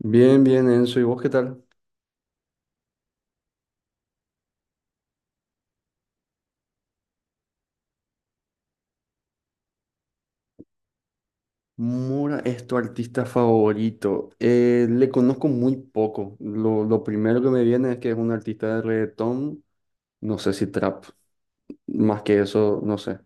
Bien, bien, Enzo. ¿Y vos qué tal? Mora es tu artista favorito. Le conozco muy poco. Lo primero que me viene es que es un artista de reggaetón, no sé si trap. Más que eso, no sé.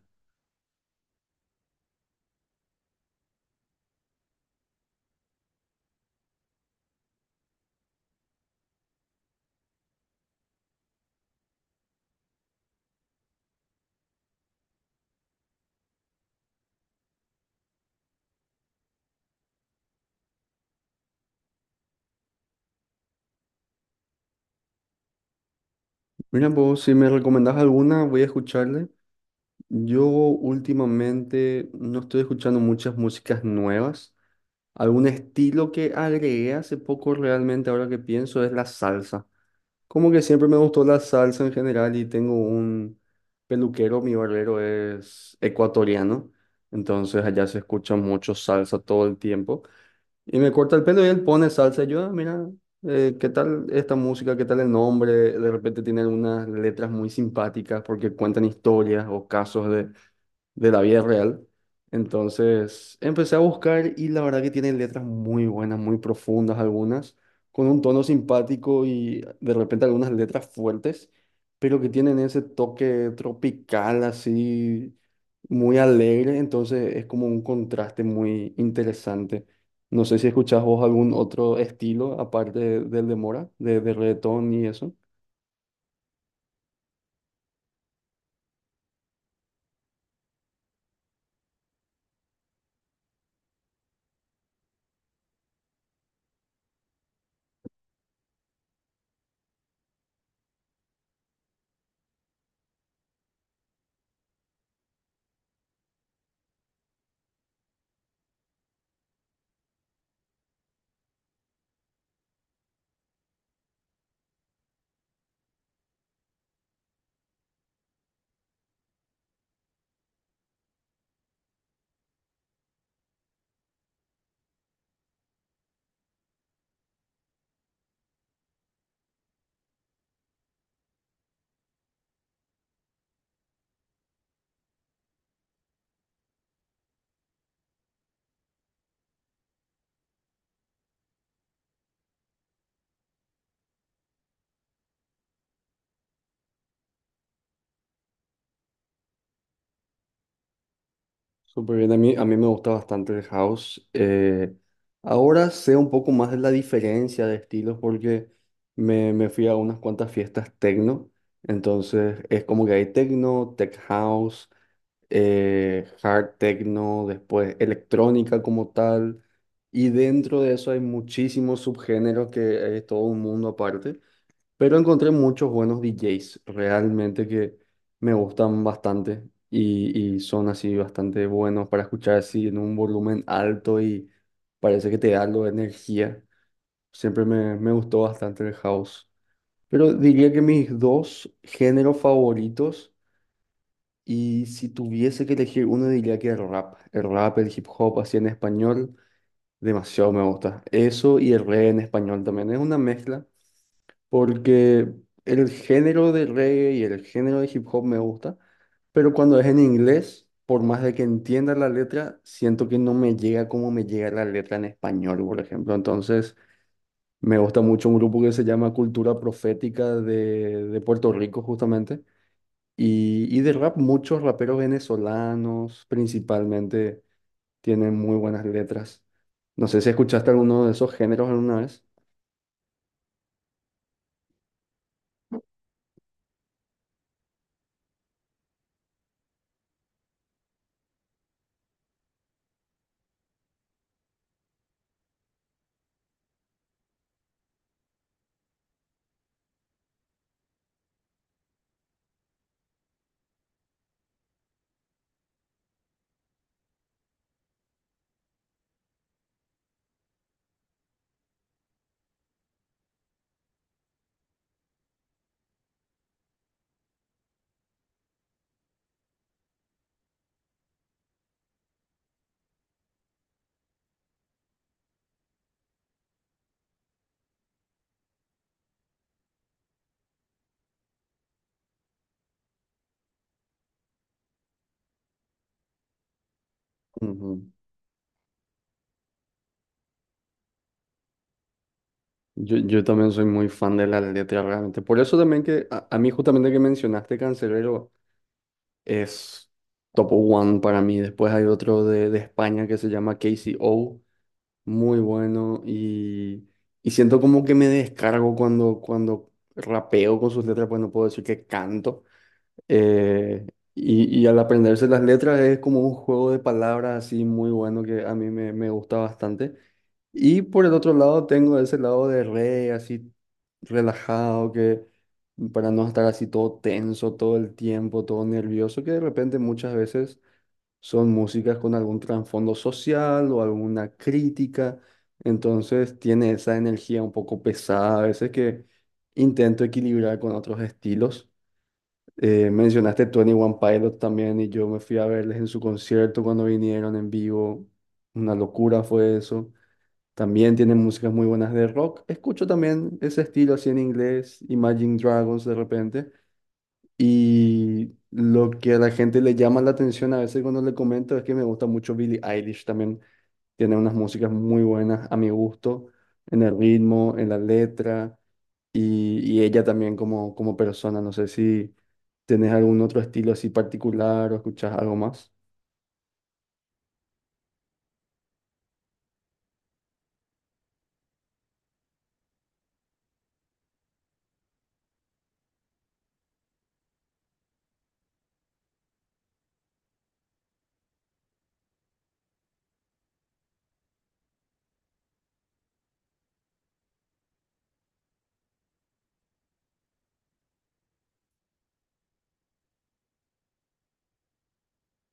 Mira, pues si me recomendás alguna, voy a escucharle. Yo últimamente no estoy escuchando muchas músicas nuevas. Algún estilo que agregué hace poco realmente, ahora que pienso, es la salsa. Como que siempre me gustó la salsa en general y tengo un peluquero, mi barbero es ecuatoriano, entonces allá se escucha mucho salsa todo el tiempo. Y me corta el pelo y él pone salsa. Y yo, "Ah, mira, ¿qué tal esta música? ¿Qué tal el nombre?". De repente tiene algunas letras muy simpáticas porque cuentan historias o casos de la vida real. Entonces empecé a buscar y la verdad que tienen letras muy buenas, muy profundas algunas, con un tono simpático y de repente algunas letras fuertes, pero que tienen ese toque tropical así, muy alegre. Entonces es como un contraste muy interesante. No sé si escuchás vos algún otro estilo aparte del de Mora, de reggaetón y eso. Súper bien, a mí me gusta bastante el house. Ahora sé un poco más de la diferencia de estilos porque me fui a unas cuantas fiestas techno, entonces es como que hay techno, tech house, hard techno, después electrónica como tal, y dentro de eso hay muchísimos subgéneros que es todo un mundo aparte. Pero encontré muchos buenos DJs realmente que me gustan bastante y son así bastante buenos para escuchar así en un volumen alto y parece que te da algo de energía. Siempre me, me gustó bastante el house. Pero diría que mis dos géneros favoritos y si tuviese que elegir uno diría que el rap. El rap, el hip hop así en español, demasiado me gusta. Eso y el reggae en español también. Es una mezcla porque el género de reggae y el género de hip hop me gusta, pero cuando es en inglés, por más de que entienda la letra, siento que no me llega como me llega la letra en español, por ejemplo. Entonces, me gusta mucho un grupo que se llama Cultura Profética de Puerto Rico, justamente, y de rap, muchos raperos venezolanos, principalmente, tienen muy buenas letras. No sé si escuchaste alguno de esos géneros alguna vez. Yo también soy muy fan de la letra realmente. Por eso también que a mí justamente que mencionaste Cancerbero es top one para mí. Después hay otro de España que se llama K C O muy bueno y siento como que me descargo cuando, cuando rapeo con sus letras, pues no puedo decir que canto, eh, y al aprenderse las letras es como un juego de palabras así muy bueno que a mí me, me gusta bastante. Y por el otro lado tengo ese lado de re, así relajado, que para no estar así todo tenso todo el tiempo, todo nervioso, que de repente muchas veces son músicas con algún trasfondo social o alguna crítica. Entonces tiene esa energía un poco pesada a veces que intento equilibrar con otros estilos. Mencionaste 21 Pilot también y yo me fui a verles en su concierto cuando vinieron en vivo. Una locura fue eso. También tienen músicas muy buenas de rock. Escucho también ese estilo así en inglés, Imagine Dragons de repente. Y lo que a la gente le llama la atención a veces cuando le comento es que me gusta mucho Billie Eilish también. Tiene unas músicas muy buenas a mi gusto, en el ritmo, en la letra y ella también como, como persona. No sé si tenés algún otro estilo así particular o escuchás algo más.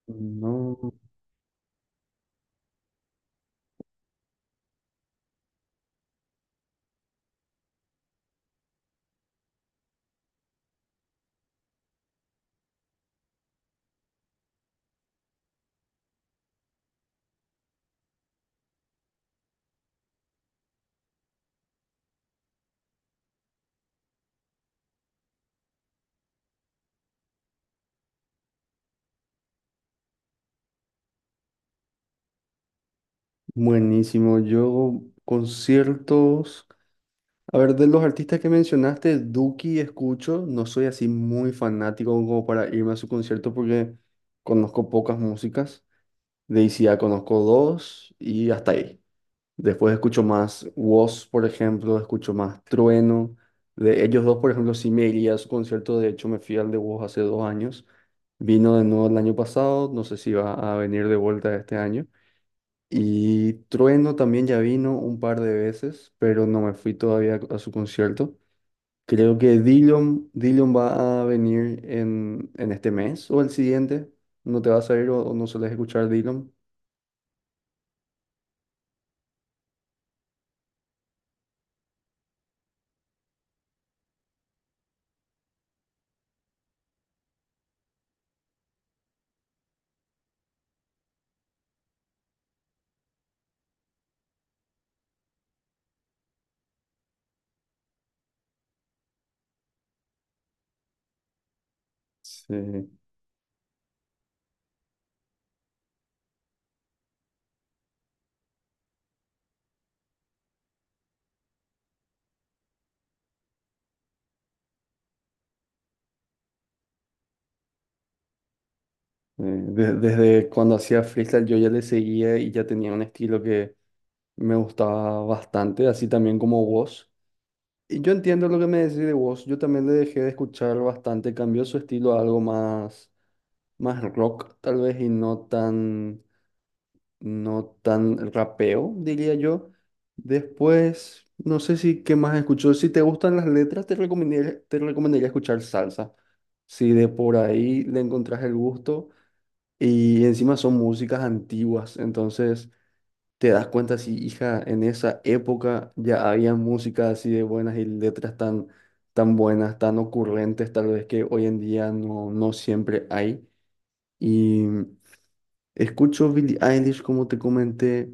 No, buenísimo. Yo conciertos, a ver, de los artistas que mencionaste, Duki escucho, no soy así muy fanático como para irme a su concierto porque conozco pocas músicas. De ICA conozco dos y hasta ahí. Después escucho más Woz, por ejemplo, escucho más Trueno. De ellos dos, por ejemplo, sí me iría a su concierto. De hecho, me fui al de Woz hace dos años. Vino de nuevo el año pasado. No sé si va a venir de vuelta este año. Y Trueno también ya vino un par de veces, pero no me fui todavía a su concierto. Creo que Dillon, Dillon va a venir en este mes o el siguiente. ¿No te vas a ir o no sueles escuchar Dillon? Sí. Desde cuando hacía freestyle yo ya le seguía y ya tenía un estilo que me gustaba bastante, así también como Woz. Y yo entiendo lo que me decís de Woz, yo también le dejé de escuchar bastante, cambió su estilo a algo más, más rock tal vez y no tan, no tan rapeo, diría yo. Después, no sé si qué más escuchó, si te gustan las letras te recomendaría escuchar salsa, si de por ahí le encontrás el gusto. Y encima son músicas antiguas, entonces te das cuenta si, hija, en esa época ya había música así de buenas y letras tan, tan buenas, tan ocurrentes, tal vez que hoy en día no, no siempre hay. Y escucho Billie Eilish, como te comenté,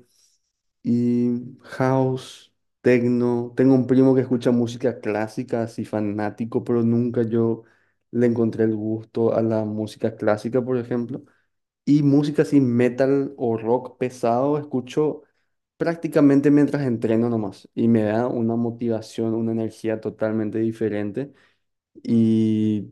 y house, techno. Tengo un primo que escucha música clásica, así fanático, pero nunca yo le encontré el gusto a la música clásica, por ejemplo. Y música así, metal o rock pesado, escucho prácticamente mientras entreno nomás. Y me da una motivación, una energía totalmente diferente. Y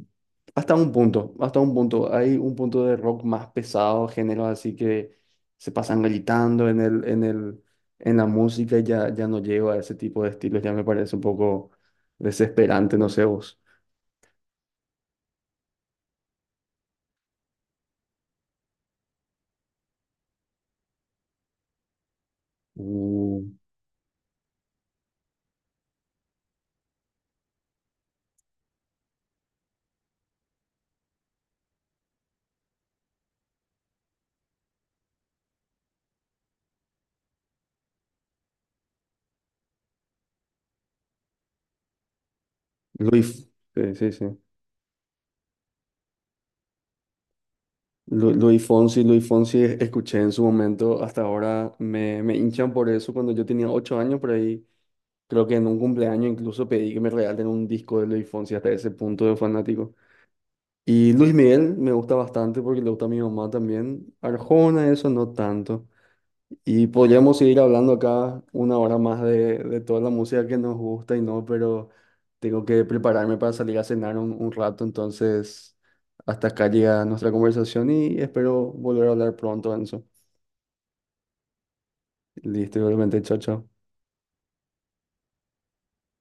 hasta un punto, hasta un punto. Hay un punto de rock más pesado, géneros así que se pasan gritando en el, en el, en la música y ya, ya no llego a ese tipo de estilos. Ya me parece un poco desesperante, no sé vos. Uh, Luis, sí, sí, sí. Luis Fonsi, Luis Fonsi, escuché en su momento, hasta ahora me, me hinchan por eso. Cuando yo tenía 8 años, por ahí, creo que en un cumpleaños incluso pedí que me regalen un disco de Luis Fonsi, hasta ese punto de fanático. Y Luis Miguel me gusta bastante porque le gusta a mi mamá también. Arjona, eso no tanto. Y podríamos seguir hablando acá una hora más de toda la música que nos gusta y no, pero tengo que prepararme para salir a cenar un rato, entonces hasta acá llega nuestra conversación y espero volver a hablar pronto, Enzo. Listo, igualmente, chao, chao.